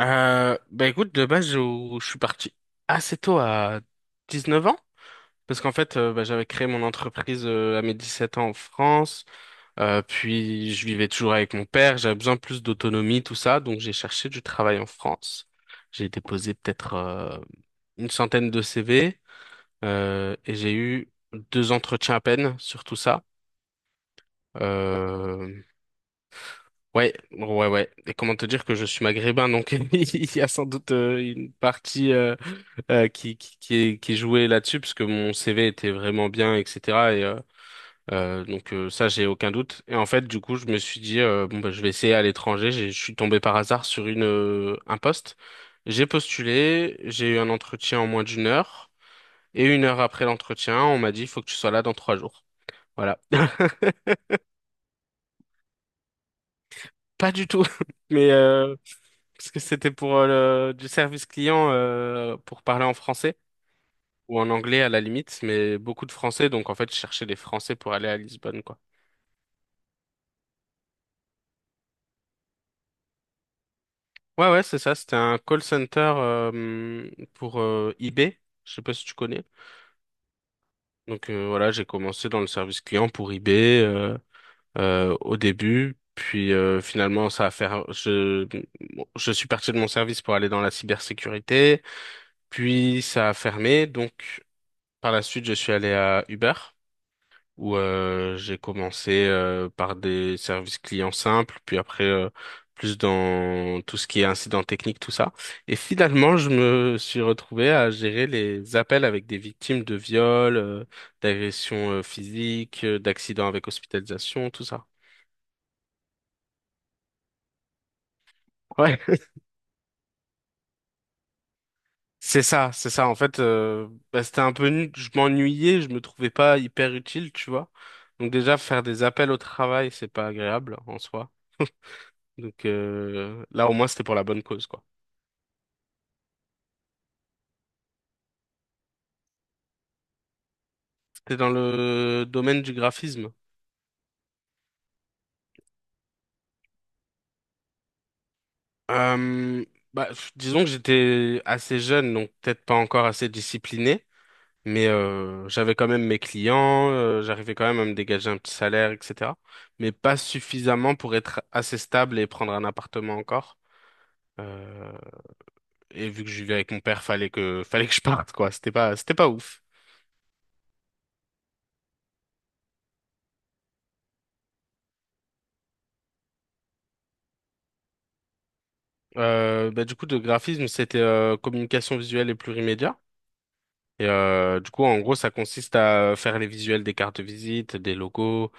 Bah écoute, de base, je suis parti assez tôt à 19 ans, parce qu'en fait, bah, j'avais créé mon entreprise à mes 17 ans en France, puis je vivais toujours avec mon père, j'avais besoin de plus d'autonomie, tout ça, donc j'ai cherché du travail en France. J'ai déposé peut-être une centaine de CV, et j'ai eu deux entretiens à peine sur tout ça. Euh, Ouais, ouais, ouais. Et comment te dire que je suis maghrébin, donc il y a sans doute une partie qui jouait là-dessus parce que mon CV était vraiment bien, etc. Et donc ça, j'ai aucun doute. Et en fait, du coup, je me suis dit bon bah je vais essayer à l'étranger. Je suis tombé par hasard sur une un poste. J'ai postulé, j'ai eu un entretien en moins d'une heure. Et une heure après l'entretien, on m'a dit il faut que tu sois là dans 3 jours. Voilà. Pas du tout. Mais parce que c'était pour du service client pour parler en français. Ou en anglais à la limite, mais beaucoup de français, donc en fait, je cherchais des français pour aller à Lisbonne, quoi. Ouais, ouais, c'est ça, c'était un call center pour eBay, je sais pas si tu connais. Donc voilà, j'ai commencé dans le service client pour eBay au début, puis finalement, ça a fait, je suis parti de mon service pour aller dans la cybersécurité, puis ça a fermé, donc par la suite, je suis allé à Uber. Où j'ai commencé par des services clients simples, puis après plus dans tout ce qui est incident technique, tout ça. Et finalement, je me suis retrouvé à gérer les appels avec des victimes de viols, d'agressions physiques, d'accidents avec hospitalisation, tout ça. Ouais. C'est ça, c'est ça. En fait, bah, c'était un peu, je m'ennuyais, je me trouvais pas hyper utile, tu vois. Donc déjà, faire des appels au travail, c'est pas agréable en soi. Donc là, au moins, c'était pour la bonne cause, quoi. T'es dans le domaine du graphisme. Euh, Bah, disons que j'étais assez jeune, donc peut-être pas encore assez discipliné, mais j'avais quand même mes clients, j'arrivais quand même à me dégager un petit salaire, etc. Mais pas suffisamment pour être assez stable et prendre un appartement encore. Euh, et vu que je vivais avec mon père, fallait que fallait que je parte, quoi. C'était pas ouf. Bah, du coup, de graphisme, c'était communication visuelle et plurimédia. Et du coup, en gros, ça consiste à faire les visuels des cartes de visite, des logos,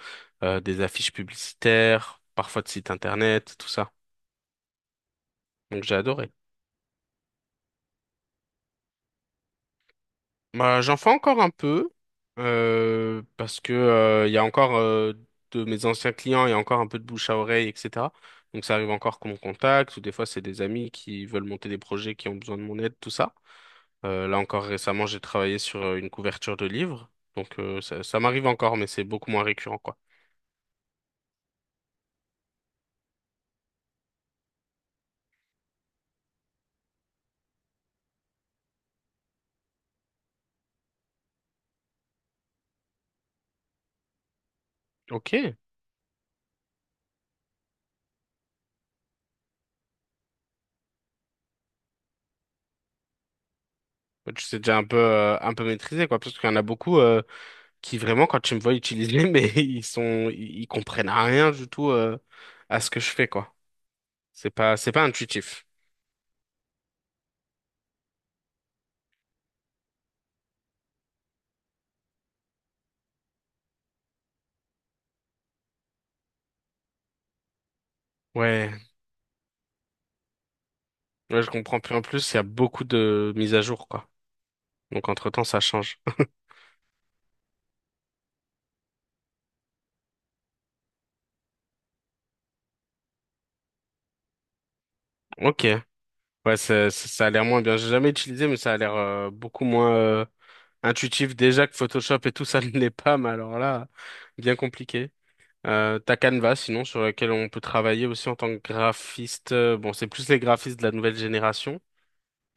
des affiches publicitaires, parfois de sites internet, tout ça. Donc j'ai adoré. Bah, j'en fais encore un peu parce que il y a encore de mes anciens clients, il y a encore un peu de bouche à oreille, etc. Donc ça arrive encore qu'on me contacte ou des fois c'est des amis qui veulent monter des projets qui ont besoin de mon aide, tout ça. Là encore récemment, j'ai travaillé sur une couverture de livre, donc ça m'arrive encore, mais c'est beaucoup moins récurrent, quoi. Ok. Ouais, tu sais déjà un peu maîtrisé, quoi. Parce qu'il y en a beaucoup qui, vraiment, quand tu me vois utiliser, mais ils comprennent rien du tout à ce que je fais, quoi. C'est pas intuitif. Ouais, ouais, je comprends plus en plus, il y a beaucoup de mises à jour, quoi. Donc, entre-temps, ça change. Ok. Ouais, ça a l'air moins bien. J'ai jamais utilisé, mais ça a l'air beaucoup moins intuitif. Déjà que Photoshop et tout, ça ne l'est pas, mais alors là, bien compliqué. T'as Canva, sinon, sur laquelle on peut travailler aussi en tant que graphiste. Bon, c'est plus les graphistes de la nouvelle génération.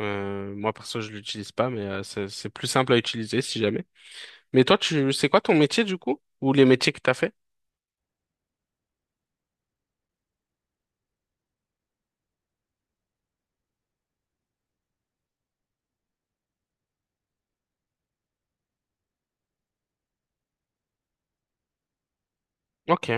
Moi, perso, je l'utilise pas, mais c'est plus simple à utiliser si jamais. Mais toi, c'est quoi ton métier du coup? Ou les métiers que t'as fait? Ok,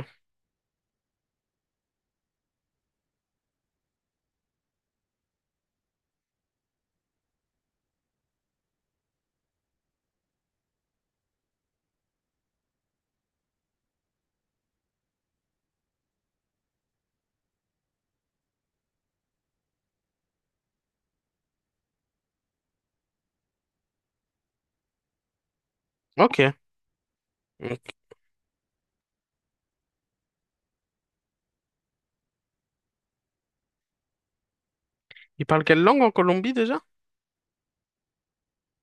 ok. Donc, ils parlent quelle langue en Colombie déjà?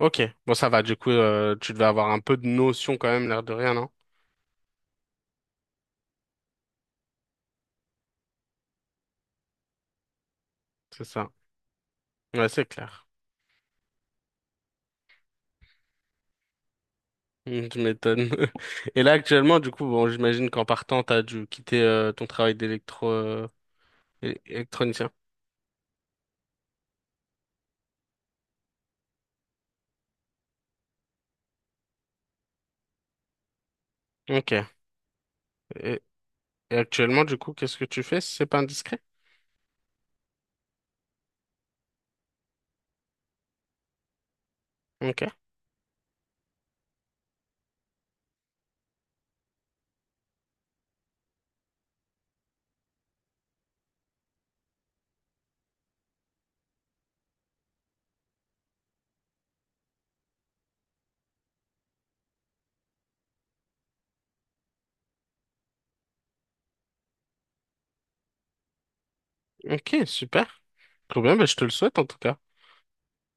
Ok, bon ça va, du coup tu devais avoir un peu de notion quand même, l'air de rien, non? C'est ça. Ouais, c'est clair. Tu m'étonnes. Et là actuellement, du coup, bon, j'imagine qu'en partant, t'as dû quitter ton travail électronicien. Ok. Et, et actuellement, du coup, qu'est-ce que tu fais si c'est pas indiscret? Ok. Ok, super. Trop bien, bah, je te le souhaite en tout cas.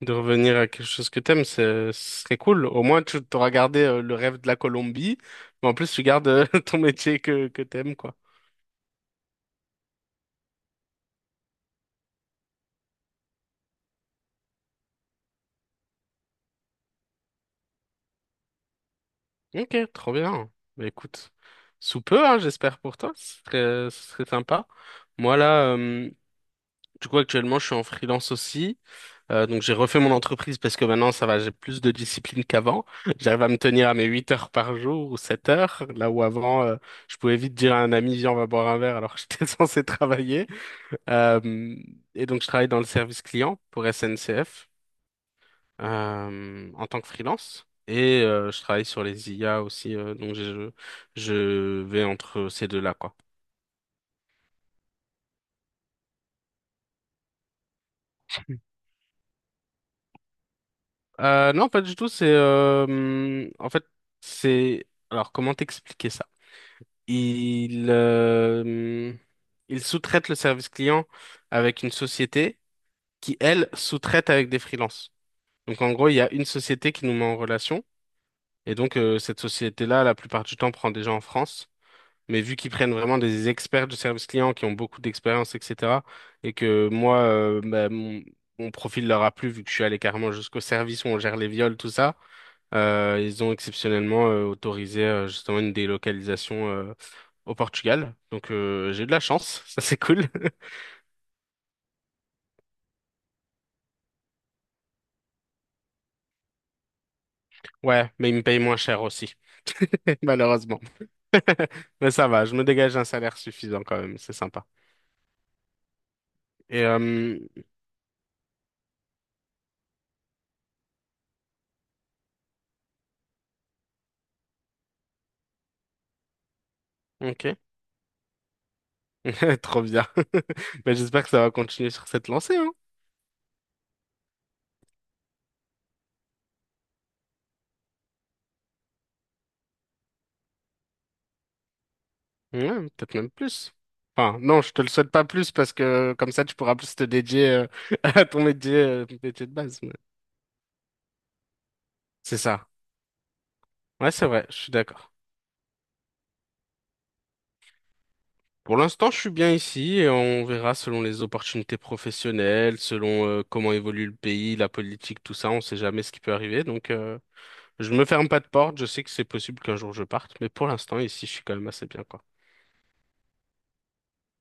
De revenir à quelque chose que t'aimes, ce serait cool. Au moins, tu t'auras gardé le rêve de la Colombie, mais en plus, tu gardes ton métier que t'aimes, quoi. Ok, trop bien. Bah, écoute, sous peu, hein, j'espère pour toi. Ce serait sympa. Moi, là, du coup, actuellement, je suis en freelance aussi. Donc, j'ai refait mon entreprise parce que maintenant, ça va, j'ai plus de discipline qu'avant. J'arrive à me tenir à mes 8 heures par jour ou 7 heures. Là où avant, je pouvais vite dire à un ami, viens, on va boire un verre alors que j'étais censé travailler. Euh, et donc, je travaille dans le service client pour SNCF en tant que freelance et je travaille sur les IA aussi, donc je vais entre ces deux-là, quoi. Non, pas du tout, c'est... en fait, c'est... Alors, comment t'expliquer ça? Il, euh, hum, il sous-traite le service client avec une société qui, elle, sous-traite avec des freelances. Donc, en gros, il y a une société qui nous met en relation. Et donc, cette société-là, la plupart du temps, prend des gens en France. Mais vu qu'ils prennent vraiment des experts du service client qui ont beaucoup d'expérience, etc., et que moi, bah, mon profil leur a plu vu que je suis allé carrément jusqu'au service où on gère les viols, tout ça, ils ont exceptionnellement autorisé justement une délocalisation au Portugal. Donc j'ai eu de la chance, ça c'est cool. Ouais, mais ils me payent moins cher aussi, malheureusement. Mais ça va, je me dégage un salaire suffisant quand même, c'est sympa. Et euh, ok, trop bien. Ben, j'espère que ça va continuer sur cette lancée, hein. Ouais, peut-être même plus. Enfin, non, je te le souhaite pas plus parce que comme ça, tu pourras plus te dédier à ton métier de base. Mais c'est ça. Ouais, c'est vrai, je suis d'accord. Pour l'instant, je suis bien ici et on verra selon les opportunités professionnelles, selon comment évolue le pays, la politique, tout ça. On sait jamais ce qui peut arriver. Donc, je ne me ferme pas de porte. Je sais que c'est possible qu'un jour je parte, mais pour l'instant, ici, je suis quand même assez bien, quoi.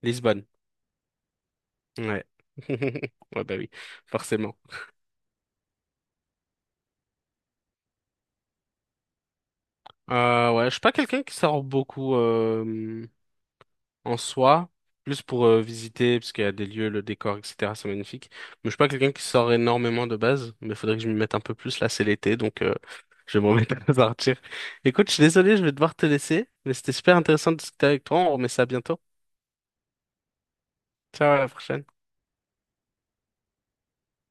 Lisbonne. Ouais. Ouais, bah oui, forcément. Ouais, je suis pas quelqu'un qui sort beaucoup, en soi, plus pour visiter, parce qu'il y a des lieux, le décor, etc. C'est magnifique. Mais je suis pas quelqu'un qui sort énormément de base, mais il faudrait que je m'y mette un peu plus. Là, c'est l'été, donc je vais m'en mettre à partir. Écoute, je suis désolé, je vais devoir te laisser, mais c'était super intéressant de discuter avec toi. On remet ça bientôt. Ciao, à la prochaine.